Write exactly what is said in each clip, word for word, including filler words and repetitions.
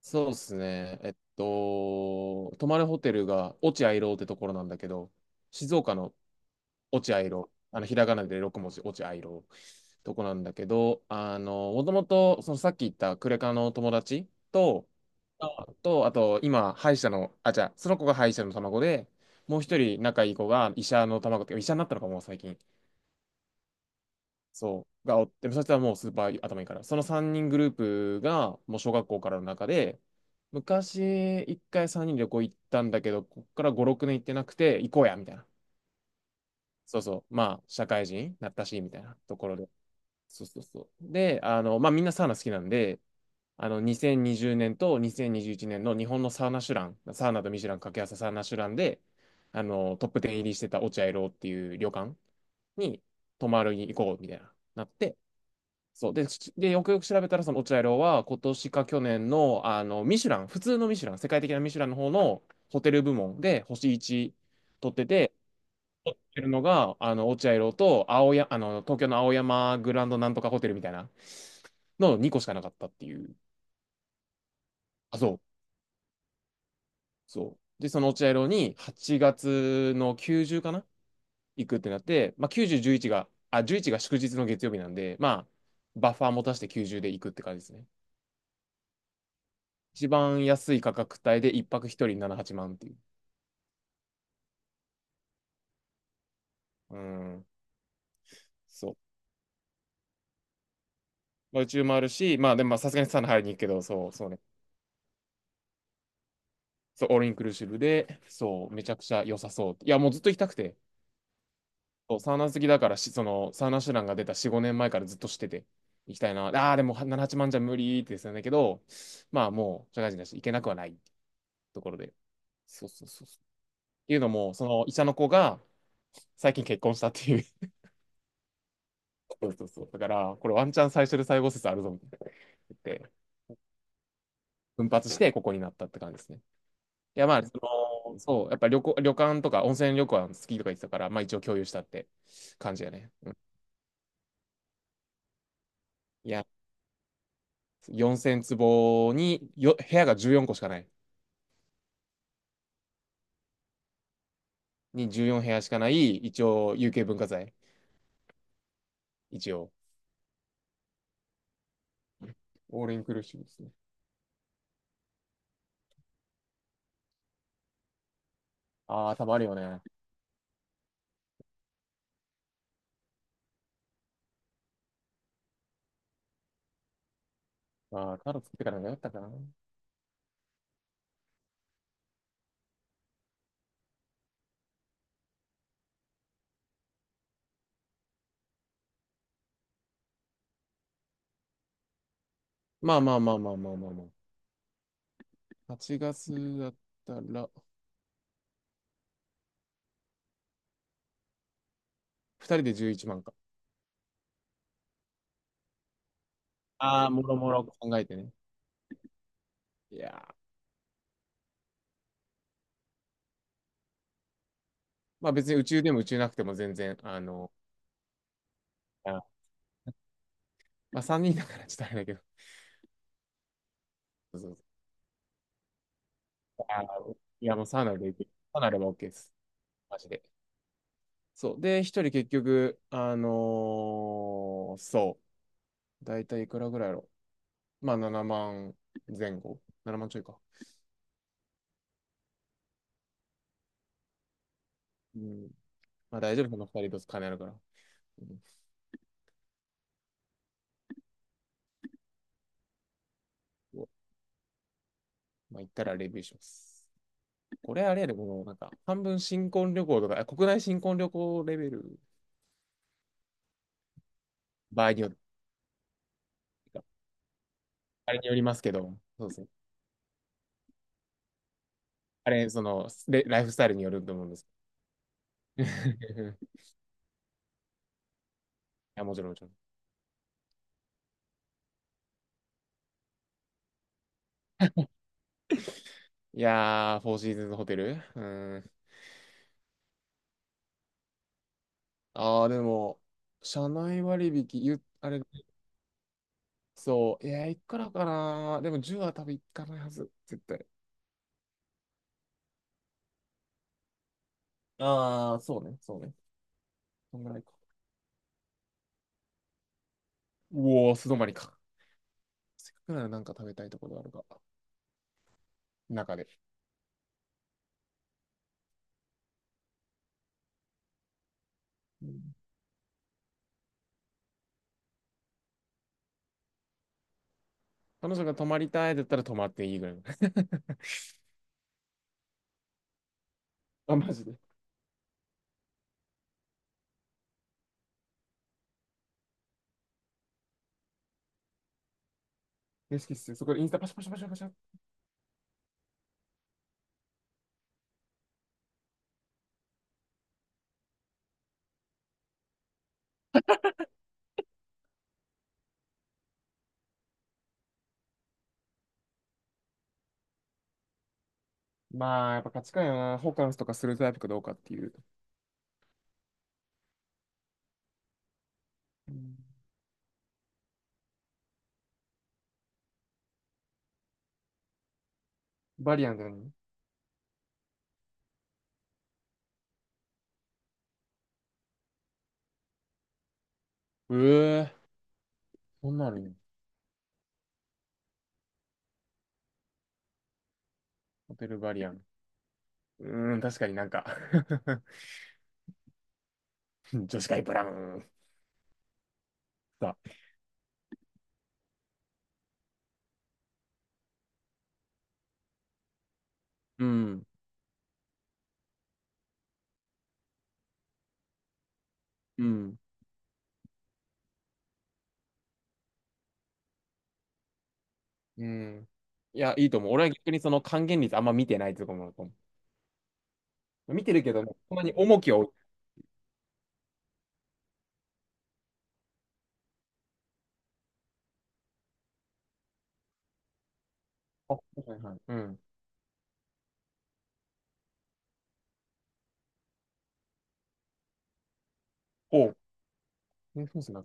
そうですね。えっと、泊まるホテルが落合楼ってところなんだけど、静岡の落合楼、あのひらがなで六文字、落合楼とこなんだけど、あの、もともと、そのさっき言ったクレカの友達と、あと、あと、今、歯医者の、あ、じゃあ、その子が歯医者の卵で、もう一人仲いい子が医者の卵っていうか、医者になったのかも、最近。そう、がおって、そしたらもうスーパー頭いいから、そのさんにんグループが、もう小学校からの中で、昔、いっかいさんにんで旅行行ったんだけど、こっからご、ろくねん行ってなくて、行こうや、みたいな。そうそう、まあ、社会人になったし、みたいなところで。そうそうそう。で、あの、まあ、みんなサウナ好きなんで、あの、にせんにじゅうねんとにせんにじゅういちねんの日本のサウナシュラン、サウナとミシュラン掛け合わせサウナシュランで、あの、トップテン入りしてた落合ロっていう旅館に泊まるに行こう、みたいな、なって、そうで、しで、よくよく調べたら、その落合楼は、今年か去年の、あの、ミシュラン、普通のミシュラン、世界的なミシュランの方のホテル部門で星いち取ってて、ってるのが、あの、落合楼と青や、あの、東京の青山グランドなんとかホテルみたいなのにこしかなかったっていう。あ、そう、そう。で、その落合楼にはちがつのきゅうじゅうかな行くってなって、まあ、90、11が、あ、じゅういちが祝日の月曜日なんで、まあ、バッファー持たしてきゅうじゅうで行くって感じですね。一番安い価格帯でいっぱくひとりななじゅうはちまんっていう。うん、そう。まあ、宇宙もあるし、まあでもまあさすがにサウナ入りに行くけど、そう、そうね。そう、オールインクルーシブで、そう、めちゃくちゃ良さそう。いや、もうずっと行きたくて。そうサウナ好きだからし、その、サウナシュランが出たよん、ごねんまえからずっとしてて、行きたいな。ああ、でもなな、はちまんじゃ無理ってですよね。けど、まあもう、社会人だし、行けなくはないところで。そうそうそうそう。っていうのも、その医者の子が、最近結婚したっていう。そうそうそう。だから、これワンチャン最初で最後説あるぞ、みたいな言って。奮発してここになったって感じですね。いや、まあ、その、そう、やっぱ旅行、旅館とか温泉旅館好きとか言ってたから、まあ一応共有したって感じやね。うん、いや、よんせん坪によ、部屋がじゅうよんこしかない。にじゅうよん部屋しかない、一応有形文化財。一応。オールインクルーシブですね。ああ、多分あるよね。ああ、タロ作ってからのがよかったかな。まあまあまあまあまあまあまあ。はちがつだったら、ふたりでじゅういちまんか。ああ、もろもろ考えてね。いやー、まあ別に宇宙でも宇宙なくても全然、あの、あー、まあ、さんにんだからちょっとあれだけど。そうそうそう、あー、いや、もうサウナで行く。サウナでも OK です。マジで。そう。で、一人結局、あのーそう。だいたいいくらぐらいやろ。まあ、ななまんぜん後。ななまんちょいか。うん。まあ、大丈夫。このふたりと金あるから。うん、そうまあ、行ったらレビューします。これあれやで、この、なんか、半分新婚旅行とか、あ国内新婚旅行レベル、場合によってか、あれによりますけど、そうですね。あれ、その、レライフスタイルによると思うんです。や、もちろん、もちろん。いやー、フォーシーズンズホテル、うーん。あー、でも、社内割引、ゆ、あれ、そう、いや、いくらかな。でも、じゅうは多分いかないはず、絶対。ああ、そうね、そうね。そんぐらいか。うおー、素泊まりか。せっかくならなんか食べたいところあるか。中で。うん、彼女が泊まりたいだったら泊まっていいぐらいの。あ、マジで。嬉しっすよ。そこでインスタパシャパシャパシャパシャ。まあ、やっぱ価値観やな。ホカンスとかするタイプかどうかっていう。うん、バリアンだよね。うえ、そんなのに、ホテルバリアン。うーん、確かになんか 女子会ブラウン。さ、うん、うん、うん。いや、いいと思う。俺は逆にその還元率あんま見てないってとこもあると思う。見てるけどねそんなに重きを置い。あ、はいはい。うん。おう。え、そうっすね。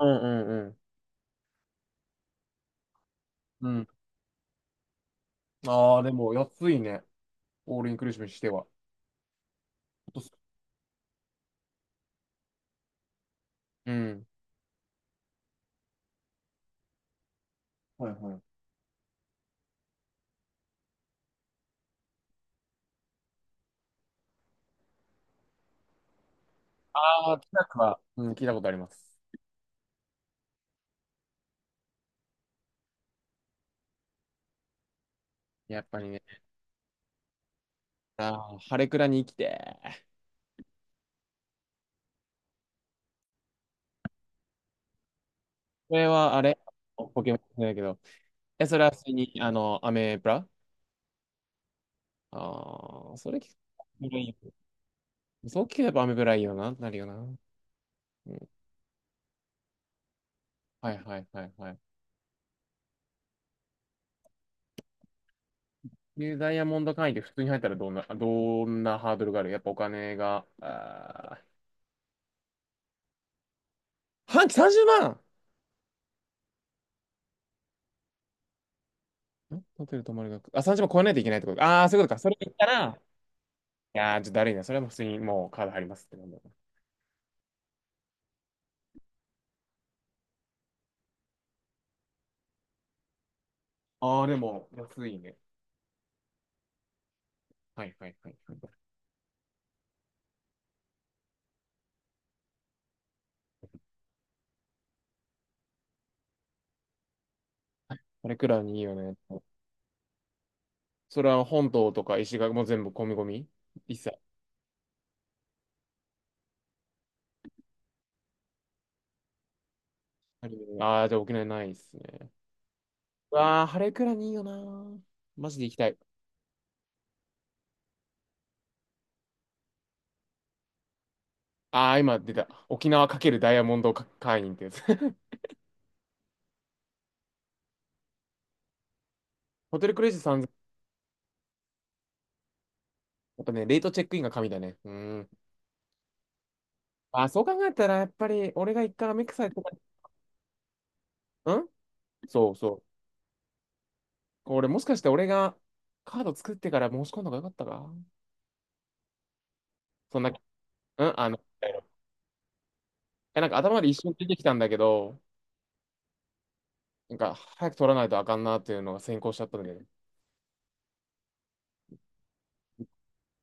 うんうんうん。うん。ああ、でも安いね。オールインクルーシブにしては。ほとっす、うん。はいはい。ああ、北区は、うん、聞いたことあります。やっぱりね。ああ、晴れ倉に生きて。これはあれ、ポケモンじゃないけど、え、それは普通に、あの、アメブラ、ああー、それ聞くアメブラいいよ、そう聞けばアメブラいいよな、なるよな。うん。はいはいはいはい。で、ダイヤモンド会員って普通に入ったらどんな、どんなハードルがあるやっぱお金が、あー半期さんじゅうまん、んん、ホテル泊まる額。あ、さんじゅうまん超えないといけないってことか。ああ、そういうことか。それ言ったら、いやー、ちょっとだるいな。それはもう普通にもうカード入りますってなんだ。ああ、でも、安いね。はいはいはいはい。これくらいにいいよね。それは本島とか石垣も全部込み込み一切。ああー、じゃあ沖縄ないですね。うわあ、晴れくらにいいよなー。マジで行きたい。ああ、今出た。沖縄×ダイヤモンド会員ってやつ。ホテルクレジットさんぜん。やっぱね、レートチェックインが神だね。うん。ああ、そう考えたら、やっぱり俺が一回アメックス入ってから、うん、そうそう。これもしかして俺がカード作ってから申し込んだ方がよかったか、そんな、うん、あの、え、なんか頭で一瞬出てきたんだけど、なんか早く取らないとあかんなっていうのが先行しちゃったんで、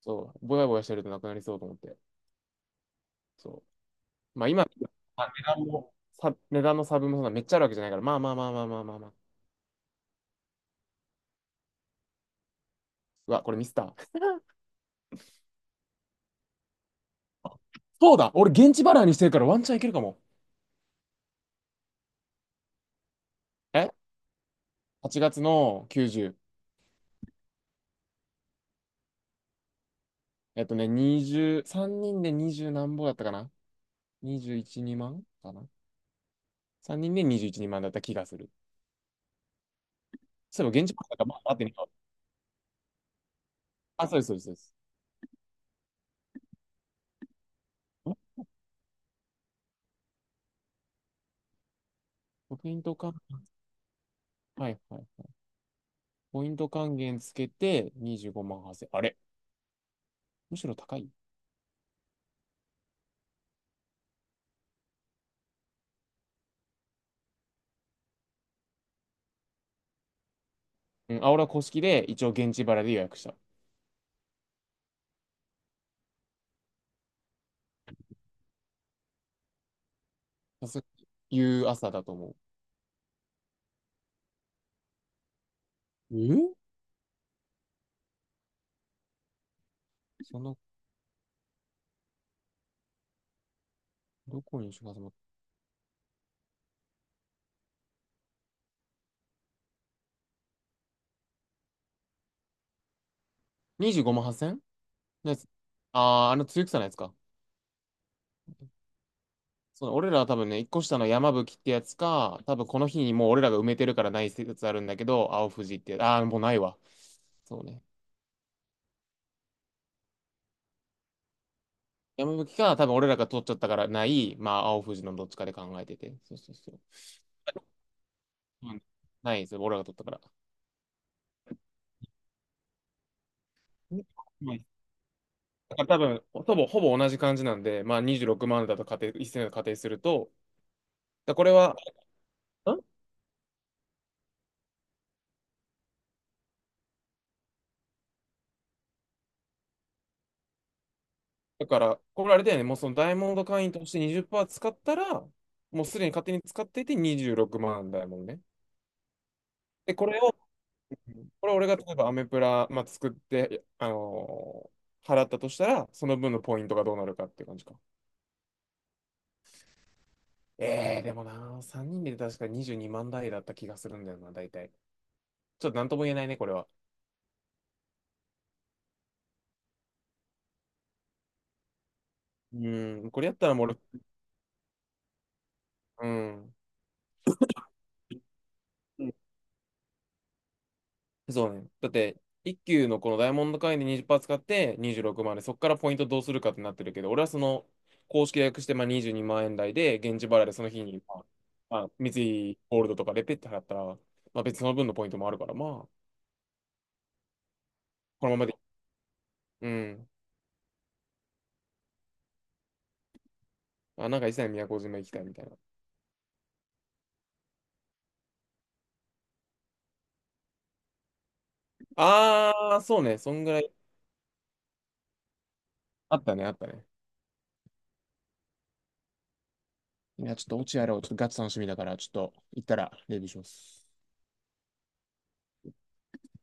そう、ぼやぼやしてるとなくなりそうと思って。そう、まあ今、まあ値段の差、さ値段の差分もそんなめっちゃあるわけじゃないから、まあまあまあまあまあまあまあ。うわ、これミスった。そうだ、俺現地払いにしてるからワンチャンいけるかも。え ?はち 月のきゅうじゅう。えっとね、にじゅう、さんにんでにじゅう何ぼだったかな ?にじゅういち、にまんかな ?さん 人でにじゅういち、にまんだった気がする。そういえば現地払いだから、まあ、待ってね。あ、そうです、そうです、そうです。ん、ポイント還、はいはいはい。ポイント還元つけてにじゅうごまんはち ぜろ、あれ、むしろ高い、うん、あ、俺は公式で一応現地払いで予約した。そう、い夕朝だと思う。え、その、どこにしかも。にじゅうごまんはっせんのやつ。あー、あの、つゆくさのやつか。そう、俺らは多分ね、一個下の山吹ってやつか、多分この日にもう俺らが埋めてるからない説あるんだけど、青富士ってやつ、あー、もうないわ。そうね。山吹か、多分俺らが取っちゃったからない、まあ、青富士のどっちかで考えてて。そうそうそう。うん、ないですよ、俺らが取ったから。うん、だから多分、ほぼ、ほぼ同じ感じなんで、まあにじゅうろくまんだと仮定、一斉の仮定すると、だこれは、ん、だから、これあれだよね、もうそのダイヤモンド会員としてにじゅっパーセント使ったら、もうすでに勝手に使っていてにじゅうろくまんだ、イヤね。で、これを、これ俺が例えばアメプラ、まあ、作って、あのー払ったとしたら、その分のポイントがどうなるかっていう感じか。えー、でもな、さんにんで確かにじゅうにまん台だった気がするんだよな、大体。ちょっとなんとも言えないね、これは。うん、これやったらもう俺、うん。そうね。だって、一級のこのダイヤモンド会員でにじゅっパーセント使ってにじゅうろくまんで、そこからポイントどうするかってなってるけど、俺はその、公式で約してまあにじゅうにまん円台で、現地払いでその日に、まあ、まあ、三井ゴールドとかでペッて払ったら、まあ別にその分のポイントもあるから、まあ、このままで、うん。あ、なんか一切宮古島行きたいみたいな。あー、そうね。そんぐらい。あったね、あったね。いや、ちょっと落合やろう。ちょっとガチ楽しみだから、ちょっと行ったらレビューします。